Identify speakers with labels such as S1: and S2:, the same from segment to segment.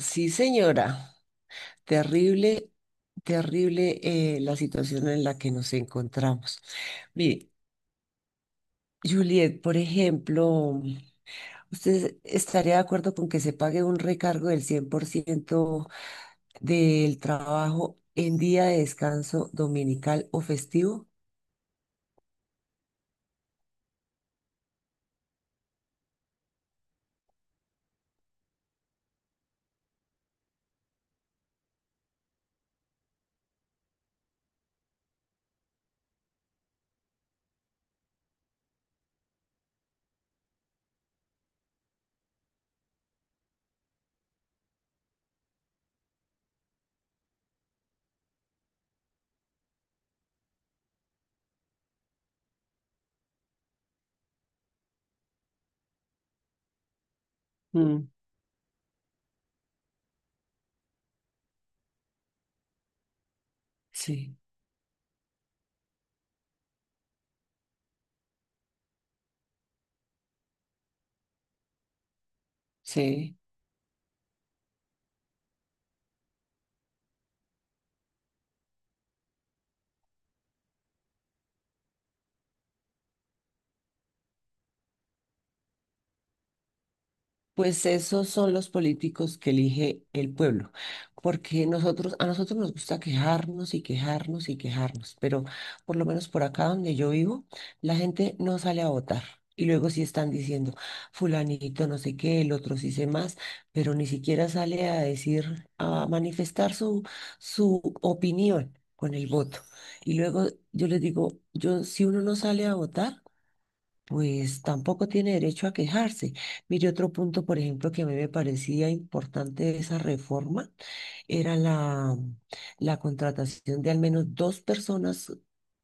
S1: Sí, señora. Terrible, terrible la situación en la que nos encontramos. Mire, Juliet, por ejemplo, ¿usted estaría de acuerdo con que se pague un recargo del 100% del trabajo en día de descanso dominical o festivo? Mm, sí, sí. Pues esos son los políticos que elige el pueblo, porque nosotros, a nosotros nos gusta quejarnos y quejarnos y quejarnos, pero por lo menos por acá donde yo vivo, la gente no sale a votar. Y luego sí están diciendo, fulanito no sé qué, el otro sí sé más, pero ni siquiera sale a decir, a manifestar su opinión con el voto. Y luego yo les digo, yo, si uno no sale a votar, pues tampoco tiene derecho a quejarse. Mire, otro punto, por ejemplo, que a mí me parecía importante de esa reforma era la contratación de al menos dos personas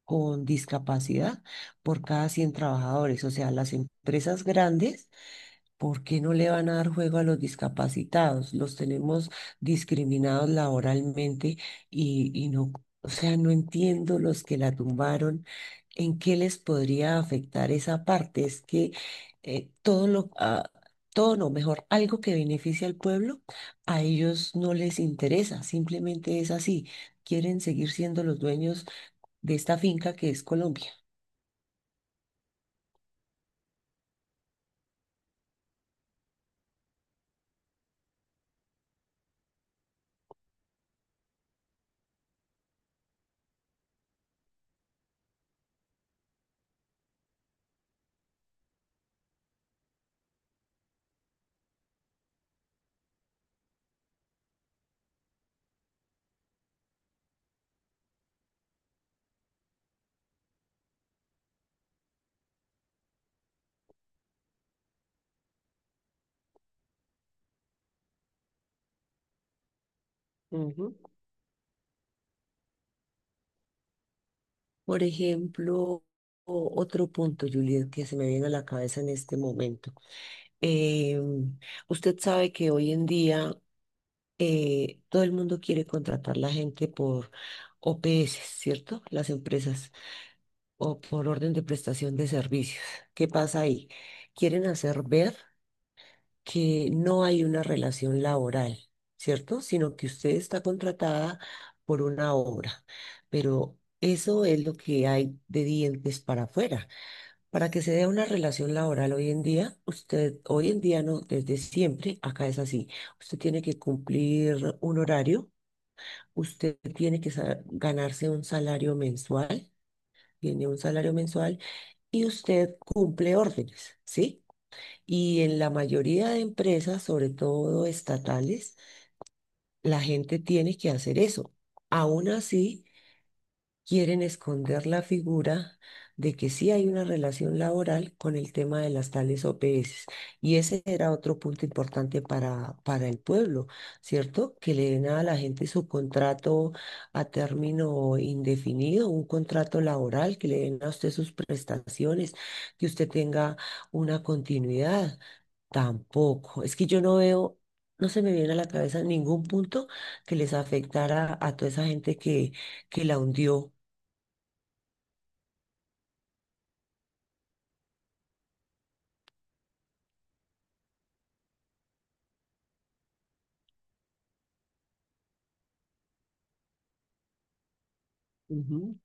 S1: con discapacidad por cada 100 trabajadores. O sea, las empresas grandes, ¿por qué no le van a dar juego a los discapacitados? Los tenemos discriminados laboralmente y no, o sea, no entiendo los que la tumbaron. ¿En qué les podría afectar esa parte? Es que todo lo, todo no, mejor, algo que beneficie al pueblo, a ellos no les interesa, simplemente es así. Quieren seguir siendo los dueños de esta finca que es Colombia. Ujú. Por ejemplo, otro punto, Juliet, que se me viene a la cabeza en este momento. Eh, usted sabe que hoy en día todo el mundo quiere contratar la gente por OPS, ¿cierto? Las empresas. O por orden de prestación de servicios. ¿Qué pasa ahí? Quieren hacer ver que no hay una relación laboral, ¿cierto? Sino que usted está contratada por una obra, pero eso es lo que hay de dientes para afuera. Para que se dé una relación laboral hoy en día, usted hoy en día no, desde siempre, acá es así. Usted tiene que cumplir un horario, usted tiene que ganarse un salario mensual, tiene un salario mensual y usted cumple órdenes, ¿sí? Y en la mayoría de empresas, sobre todo estatales, la gente tiene que hacer eso. Aún así, quieren esconder la figura de que sí hay una relación laboral con el tema de las tales OPS. Y ese era otro punto importante para el pueblo, ¿cierto? Que le den a la gente su contrato a término indefinido, un contrato laboral, que le den a usted sus prestaciones, que usted tenga una continuidad. Tampoco. Es que yo no veo... No se me viene a la cabeza ningún punto que les afectara a toda esa gente que la hundió. Ujú.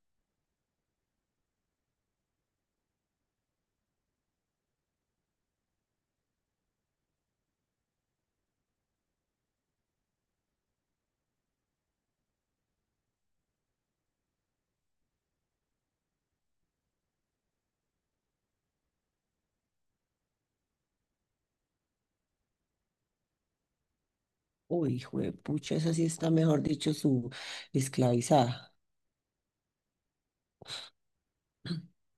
S1: Uy, juepucha, esa sí está, mejor dicho, su esclavizada.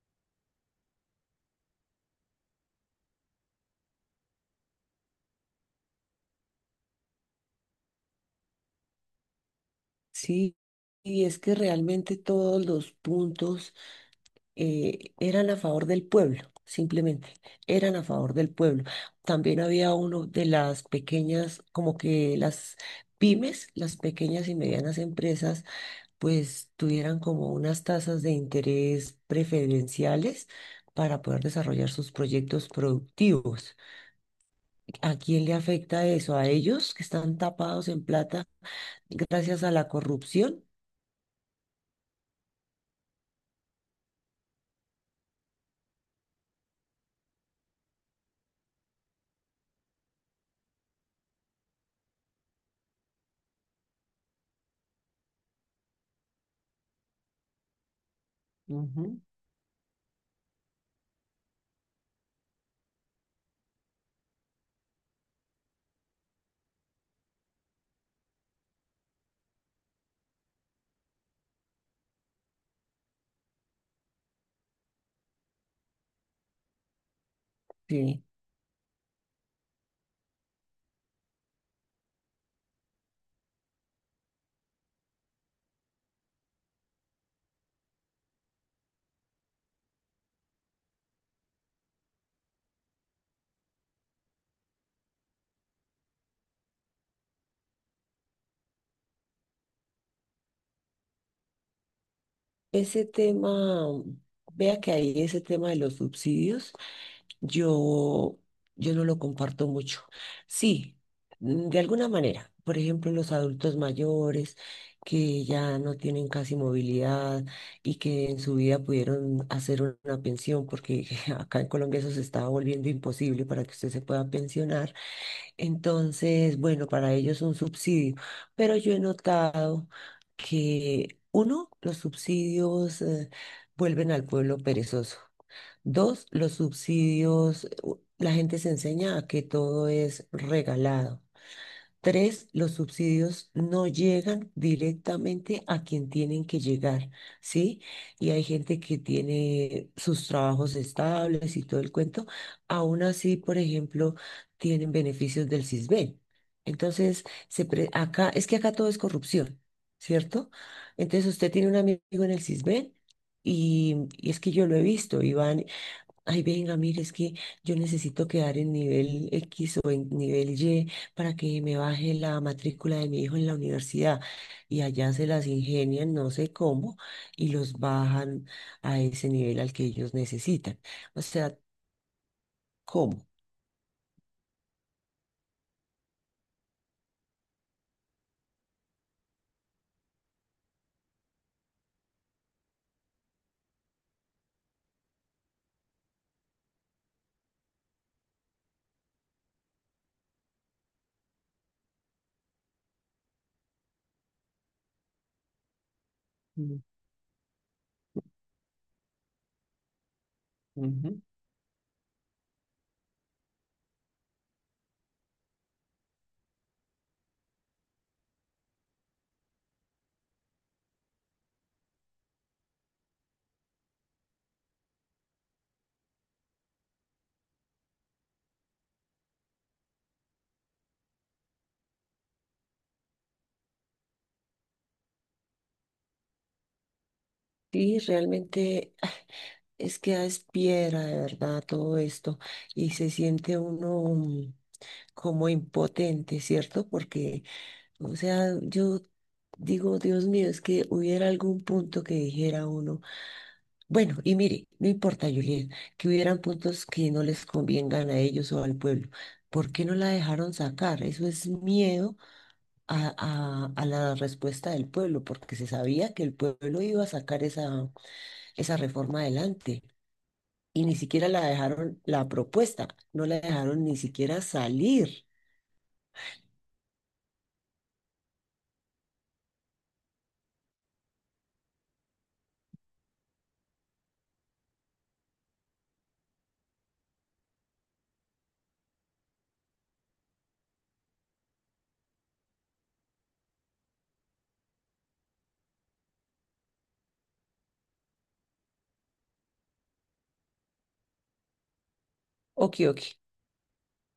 S1: Sí, y es que realmente todos los puntos eran a favor del pueblo, simplemente, eran a favor del pueblo. También había uno de las pequeñas, como que las pymes, las pequeñas y medianas empresas, pues tuvieran como unas tasas de interés preferenciales para poder desarrollar sus proyectos productivos. ¿A quién le afecta eso? ¿A ellos que están tapados en plata gracias a la corrupción? Ujú. Sí. Ese tema, vea que ahí ese tema de los subsidios. Yo, yo no lo comparto mucho. Sí, de alguna manera. Por ejemplo, los adultos mayores que ya no tienen casi movilidad y que en su vida pudieron hacer una pensión, porque acá en Colombia eso se estaba volviendo imposible para que usted se pueda pensionar. Entonces, bueno, para ellos un subsidio. Pero yo he notado que, uno, los subsidios, vuelven al pueblo perezoso. Dos, los subsidios, la gente se enseña a que todo es regalado. Tres, los subsidios no llegan directamente a quien tienen que llegar, ¿sí? Y hay gente que tiene sus trabajos estables y todo el cuento. Aún así, por ejemplo, tienen beneficios del CISBEN. Entonces, acá, es que acá todo es corrupción, ¿cierto? Entonces, usted tiene un amigo en el CISBEN. Y es que yo lo he visto, Iván. Ay, venga, mire, es que yo necesito quedar en nivel X o en nivel Y para que me baje la matrícula de mi hijo en la universidad. Y allá se las ingenian, no sé cómo, y los bajan a ese nivel al que ellos necesitan. O sea, ¿cómo? Mm, ujú. Sí, realmente es que es piedra de verdad todo esto y se siente uno como impotente, ¿cierto? Porque, o sea, yo digo, Dios mío, es que hubiera algún punto que dijera uno, bueno, y mire, no importa, Julián, que hubieran puntos que no les convengan a ellos o al pueblo. ¿Por qué no la dejaron sacar? Eso es miedo a, a la respuesta del pueblo, porque se sabía que el pueblo iba a sacar esa reforma adelante y ni siquiera la dejaron, la propuesta, no la dejaron ni siquiera salir. Ok, ok.